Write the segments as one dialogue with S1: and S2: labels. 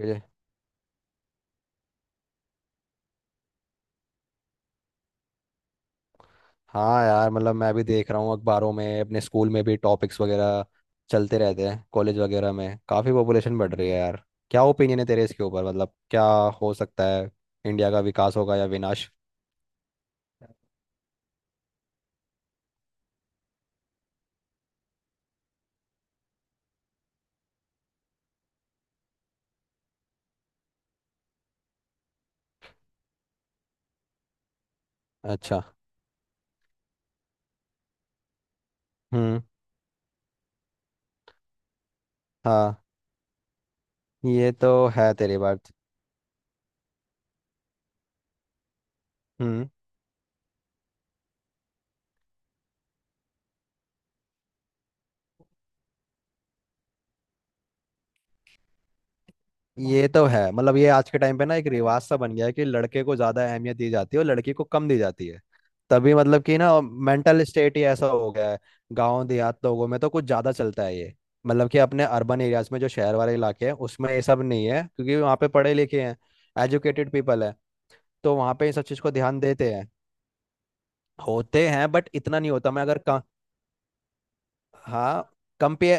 S1: मुझे हाँ यार। मतलब मैं भी देख रहा हूँ अखबारों में, अपने स्कूल में भी टॉपिक्स वगैरह चलते रहते हैं, कॉलेज वगैरह में काफ़ी पॉपुलेशन बढ़ रही है यार। क्या ओपिनियन है तेरे इसके ऊपर? मतलब क्या हो सकता है, इंडिया का विकास होगा या विनाश? अच्छा। हम्म। हाँ, ये तो है तेरी बात। हम्म। ये तो है। मतलब ये आज के टाइम पे ना एक रिवाज सा बन गया है कि लड़के को ज्यादा अहमियत दी जाती है और लड़की को कम दी जाती है। तभी मतलब कि ना मेंटल स्टेट ही ऐसा हो गया है। गांव देहात लोगों में तो कुछ ज्यादा चलता है ये। मतलब कि अपने अर्बन एरियाज में, जो शहर वाले इलाके हैं, उसमें ये सब नहीं है क्योंकि वहाँ पे पढ़े लिखे हैं, एजुकेटेड पीपल है। तो वहाँ पे इन सब चीज को ध्यान देते हैं। होते हैं बट इतना नहीं होता। मैं अगर कम, हाँ कम पे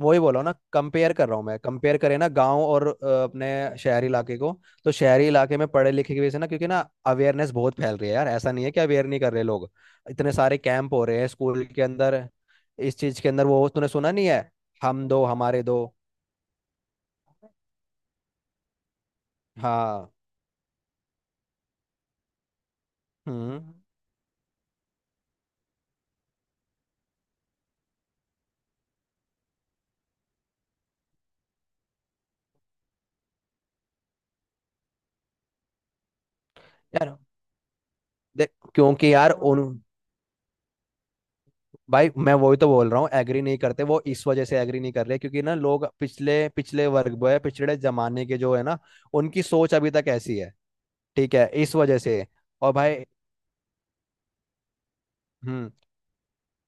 S1: वही बोला ना। कंपेयर कर रहा हूँ मैं, कंपेयर करें ना गांव और अपने शहरी इलाके को। तो शहरी इलाके में पढ़े लिखे की वजह से ना, क्योंकि ना अवेयरनेस बहुत फैल रही है यार। ऐसा नहीं है कि अवेयर नहीं कर रहे लोग। इतने सारे कैंप हो रहे हैं स्कूल के अंदर, इस चीज के अंदर। वो तूने सुना नहीं है, हम दो हमारे दो। हाँ। हम्म। यार देख क्योंकि यार उन, भाई मैं वही तो बोल रहा हूँ। एग्री नहीं करते, वो इस वजह से एग्री नहीं कर रहे क्योंकि ना लोग पिछले पिछले वर्ग वो है, पिछड़े जमाने के जो है ना। उनकी सोच अभी तक ऐसी है। ठीक है, इस वजह से। और भाई हम्म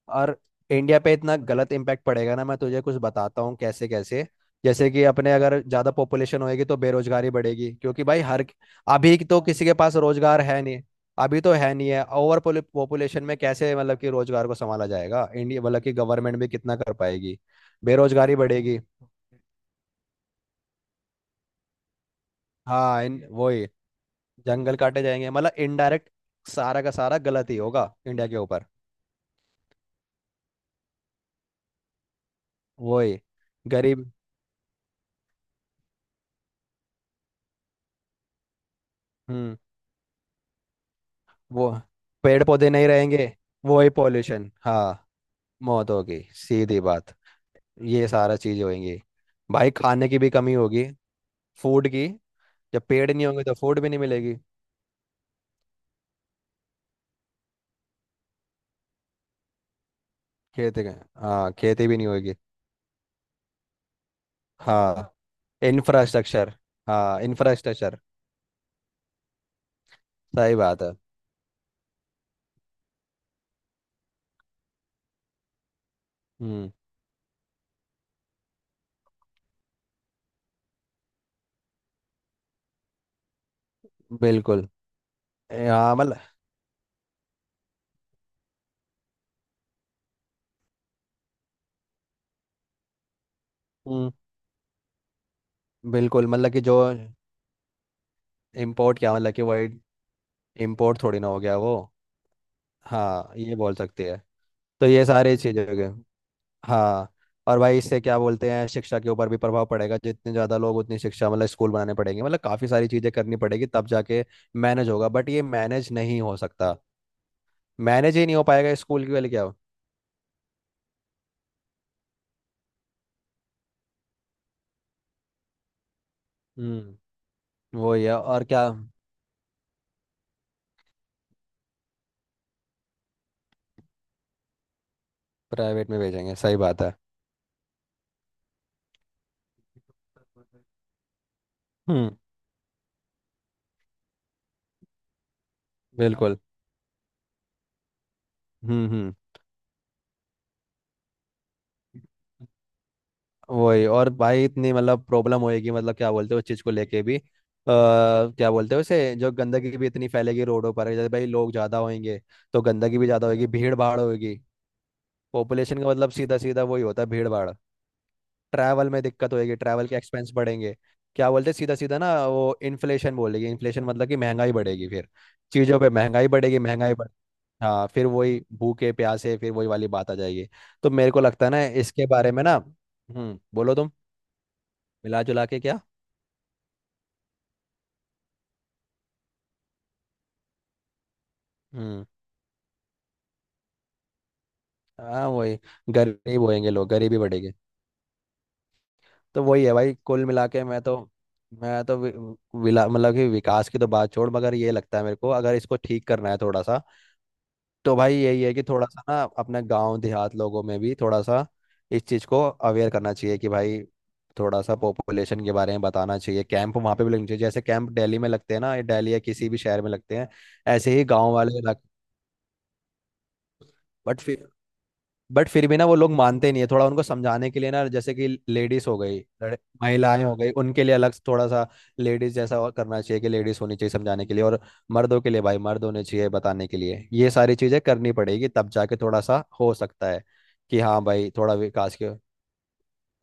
S1: और इंडिया पे इतना गलत इम्पैक्ट पड़ेगा ना, मैं तुझे कुछ बताता हूँ कैसे कैसे। जैसे कि अपने अगर ज्यादा पॉपुलेशन होएगी तो बेरोजगारी बढ़ेगी क्योंकि भाई हर, अभी तो किसी के पास रोजगार है नहीं। अभी तो है नहीं। है ओवर पॉपुलेशन में कैसे मतलब कि रोजगार को संभाला जाएगा इंडिया, मतलब कि गवर्नमेंट भी कितना कर पाएगी। बेरोजगारी बढ़ेगी। हाँ इन वही जंगल काटे जाएंगे मतलब इनडायरेक्ट, सारा का सारा गलत ही होगा इंडिया के ऊपर। वही गरीब। हम्म। वो पेड़ पौधे नहीं रहेंगे, वो ही पॉल्यूशन। हाँ मौत होगी, सीधी बात। ये सारा चीज होएंगी। भाई खाने की भी कमी होगी, फूड की। जब पेड़ नहीं होंगे तो फूड भी नहीं मिलेगी। खेती का, हाँ खेती भी नहीं होगी। हाँ इंफ्रास्ट्रक्चर। हाँ इंफ्रास्ट्रक्चर। सही बात है। हम्म। बिल्कुल। हाँ मतलब। हम्म। बिल्कुल मतलब कि जो इम्पोर्ट, क्या मतलब कि वही, इम्पोर्ट थोड़ी ना हो गया वो। हाँ ये बोल सकते हैं। तो ये सारी चीजें हो गई। हाँ और भाई इससे क्या बोलते हैं, शिक्षा के ऊपर भी प्रभाव पड़ेगा। जितने ज्यादा लोग उतनी शिक्षा, मतलब स्कूल बनाने पड़ेंगे, मतलब काफी सारी चीजें करनी पड़ेगी तब जाके मैनेज होगा। बट ये मैनेज नहीं हो सकता, मैनेज ही नहीं हो पाएगा। स्कूल की वाली क्या हो। हम्म वही है और क्या। प्राइवेट में भेजेंगे सही बात है। हम्म। बिल्कुल। हम्म। वही। और भाई इतनी मतलब प्रॉब्लम होएगी मतलब क्या बोलते हो उस चीज को लेके भी क्या बोलते हो उसे, जो गंदगी भी इतनी फैलेगी रोडों पर। जैसे भाई लोग ज्यादा होंगे तो गंदगी भी ज्यादा होगी, भीड़ भाड़ होगी। पॉपुलेशन का मतलब सीधा सीधा वही होता है, भीड़ भाड़। ट्रैवल में दिक्कत होएगी, ट्रैवल के एक्सपेंस बढ़ेंगे। क्या बोलते हैं सीधा सीधा ना, वो इन्फ्लेशन बोलेगी। इन्फ्लेशन मतलब कि महंगाई बढ़ेगी फिर। चीज़ों पे महंगाई बढ़ेगी, महंगाई बढ़, हाँ फिर वही भूखे प्यासे, फिर वही वाली बात आ जाएगी। तो मेरे को लगता है ना इसके बारे में ना हम्म, बोलो तुम। मिला जुला के क्या? हम्म। हाँ वही, गरीब होएंगे लोग, गरीबी बढ़ेगी। तो वही है भाई, कुल मिला के। मैं तो विला मतलब कि विकास की तो बात छोड़, मगर ये लगता है मेरे को अगर इसको ठीक करना है थोड़ा सा तो भाई यही है कि थोड़ा सा ना अपने गांव देहात लोगों में भी थोड़ा सा इस चीज़ को अवेयर करना चाहिए कि भाई थोड़ा सा पॉपुलेशन के बारे में बताना चाहिए। कैंप वहाँ पे भी लगने चाहिए, जैसे कैंप दिल्ली में लगते हैं ना, ये दिल्ली या किसी भी शहर में लगते हैं ऐसे ही गांव वाले इलाके। बट बट फिर भी ना वो लोग मानते नहीं है। थोड़ा उनको समझाने के लिए ना, जैसे कि लेडीज हो गई, महिलाएं हो गई, उनके लिए अलग थोड़ा सा लेडीज जैसा और करना चाहिए, कि लेडीज होनी चाहिए समझाने के लिए, और मर्दों के लिए भाई मर्द होने चाहिए बताने के लिए। ये सारी चीजें करनी पड़ेगी तब जाके थोड़ा सा हो सकता है कि हाँ भाई थोड़ा विकास के,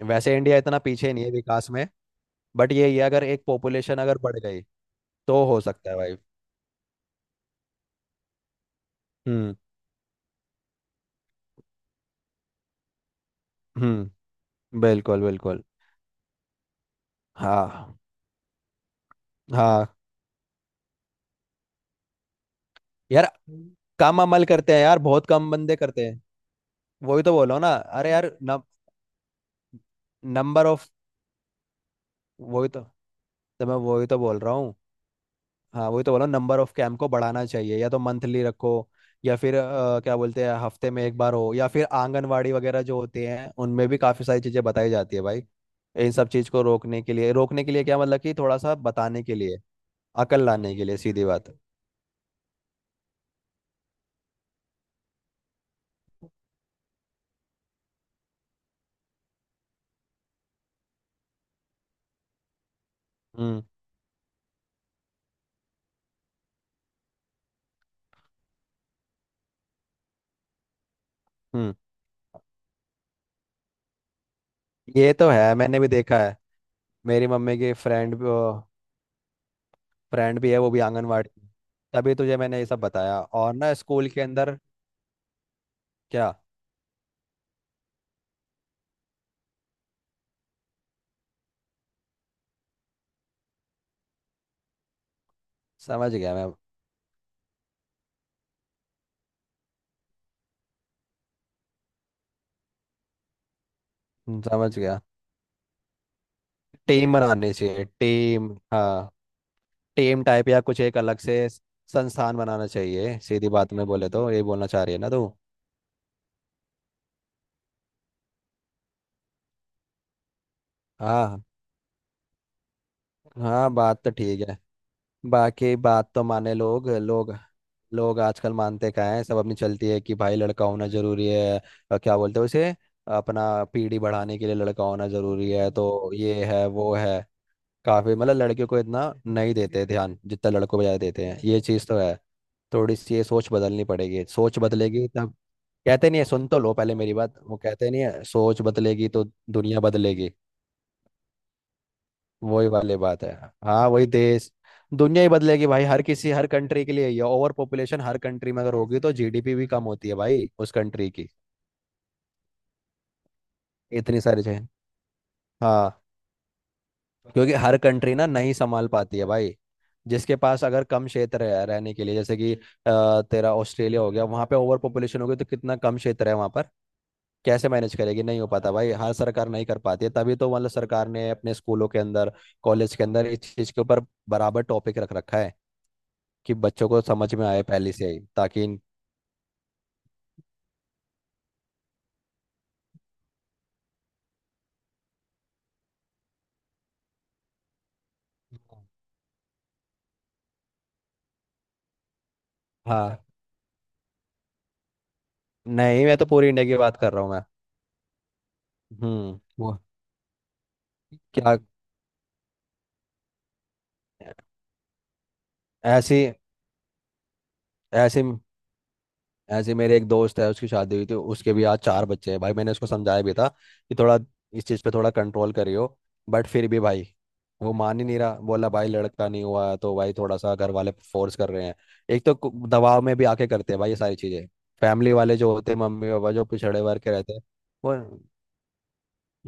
S1: वैसे इंडिया इतना पीछे नहीं है विकास में। बट ये अगर एक पॉपुलेशन अगर बढ़ गई तो हो सकता है भाई। हम्म हम्म। बिल्कुल बिल्कुल। हाँ हाँ यार, कम अमल करते हैं यार, बहुत कम बंदे करते हैं। वही तो बोल रहा हूँ ना। अरे यार नंबर ऑफ, वही तो मैं वही तो बोल रहा हूँ। हाँ वही तो बोल रहा हूँ, नंबर ऑफ कैंप को बढ़ाना चाहिए या तो मंथली रखो या फिर क्या बोलते हैं हफ्ते में एक बार हो, या फिर आंगनवाड़ी वगैरह जो होते हैं उनमें भी काफ़ी सारी चीज़ें बताई जाती है भाई इन सब चीज़ को रोकने के लिए। रोकने के लिए क्या मतलब कि थोड़ा सा बताने के लिए, अकल लाने के लिए सीधी बात। हम्म हम्म। ये तो है, मैंने भी देखा है। मेरी मम्मी की फ्रेंड, फ्रेंड भी है, वो भी आंगनवाड़ी में। तभी तुझे मैंने ये सब बताया। और ना स्कूल के अंदर क्या, समझ गया मैं। समझ गया। टीम बनानी चाहिए, टीम हाँ। टीम टाइप या कुछ एक अलग से संस्थान बनाना चाहिए, सीधी बात में बोले तो, ये बोलना चाह रही है ना तू। हाँ। हाँ बात तो ठीक है। बाकी बात तो माने लोग, लोग आजकल मानते क्या है, सब अपनी चलती है कि भाई लड़का होना जरूरी है। क्या बोलते हैं उसे, अपना पीढ़ी बढ़ाने के लिए लड़का होना जरूरी है। तो ये है वो है, काफी मतलब लड़कियों को इतना नहीं देते ध्यान, जितना लड़कों को ज्यादा देते हैं। ये चीज तो है। थोड़ी सी ये सोच बदलनी पड़ेगी। सोच बदलेगी तब, कहते नहीं है, सुन तो लो पहले मेरी बात। वो कहते नहीं है, सोच बदलेगी तो दुनिया बदलेगी। वही वाली बात है। हाँ वही देश दुनिया ही बदलेगी भाई। हर किसी, हर कंट्री के लिए ये ओवर पॉपुलेशन, हर कंट्री में अगर होगी तो जीडीपी भी कम होती है भाई उस कंट्री की। इतनी सारी चीजें। हाँ क्योंकि हर कंट्री ना नहीं संभाल पाती है भाई। जिसके पास अगर कम क्षेत्र है रहने के लिए, जैसे कि तेरा ऑस्ट्रेलिया हो गया, वहां पे ओवर पॉपुलेशन हो गई तो कितना कम क्षेत्र है वहां पर, कैसे मैनेज करेगी। नहीं हो पाता भाई, हर सरकार नहीं कर पाती है। तभी तो मतलब सरकार ने अपने स्कूलों के अंदर, कॉलेज के अंदर इस चीज के ऊपर बराबर टॉपिक रख रखा है कि बच्चों को समझ में आए पहले से ही ताकि हाँ। नहीं मैं तो पूरी इंडिया की बात कर रहा हूँ मैं। हम्म। वो क्या, ऐसी ऐसी ऐसे मेरे एक दोस्त है, उसकी शादी हुई थी, उसके भी आज 4 बच्चे हैं भाई। मैंने उसको समझाया भी था कि थोड़ा इस चीज़ पे थोड़ा कंट्रोल करियो। बट फिर भी भाई वो मान ही नहीं रहा। बोला भाई लड़का नहीं हुआ है, तो भाई थोड़ा सा घर वाले फोर्स कर रहे हैं। एक तो दबाव में भी आके करते हैं भाई ये सारी चीज़ें। फैमिली वाले जो होते हैं, मम्मी पापा जो पिछड़े वर्ग के रहते हैं वो।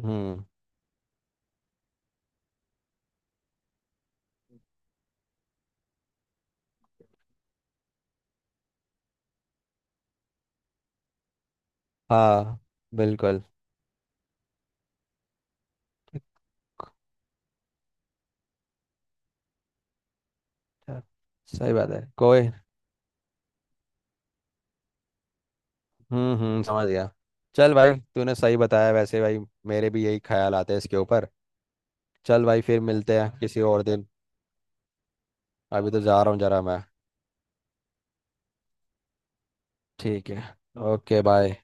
S1: हम्म। हाँ बिल्कुल सही बात है कोई। समझ गया। चल भाई, तूने सही बताया वैसे भाई। मेरे भी यही ख्याल आते हैं इसके ऊपर। चल भाई फिर मिलते हैं किसी और दिन। अभी तो जा रहा हूँ जरा मैं। ठीक है। Okay bye.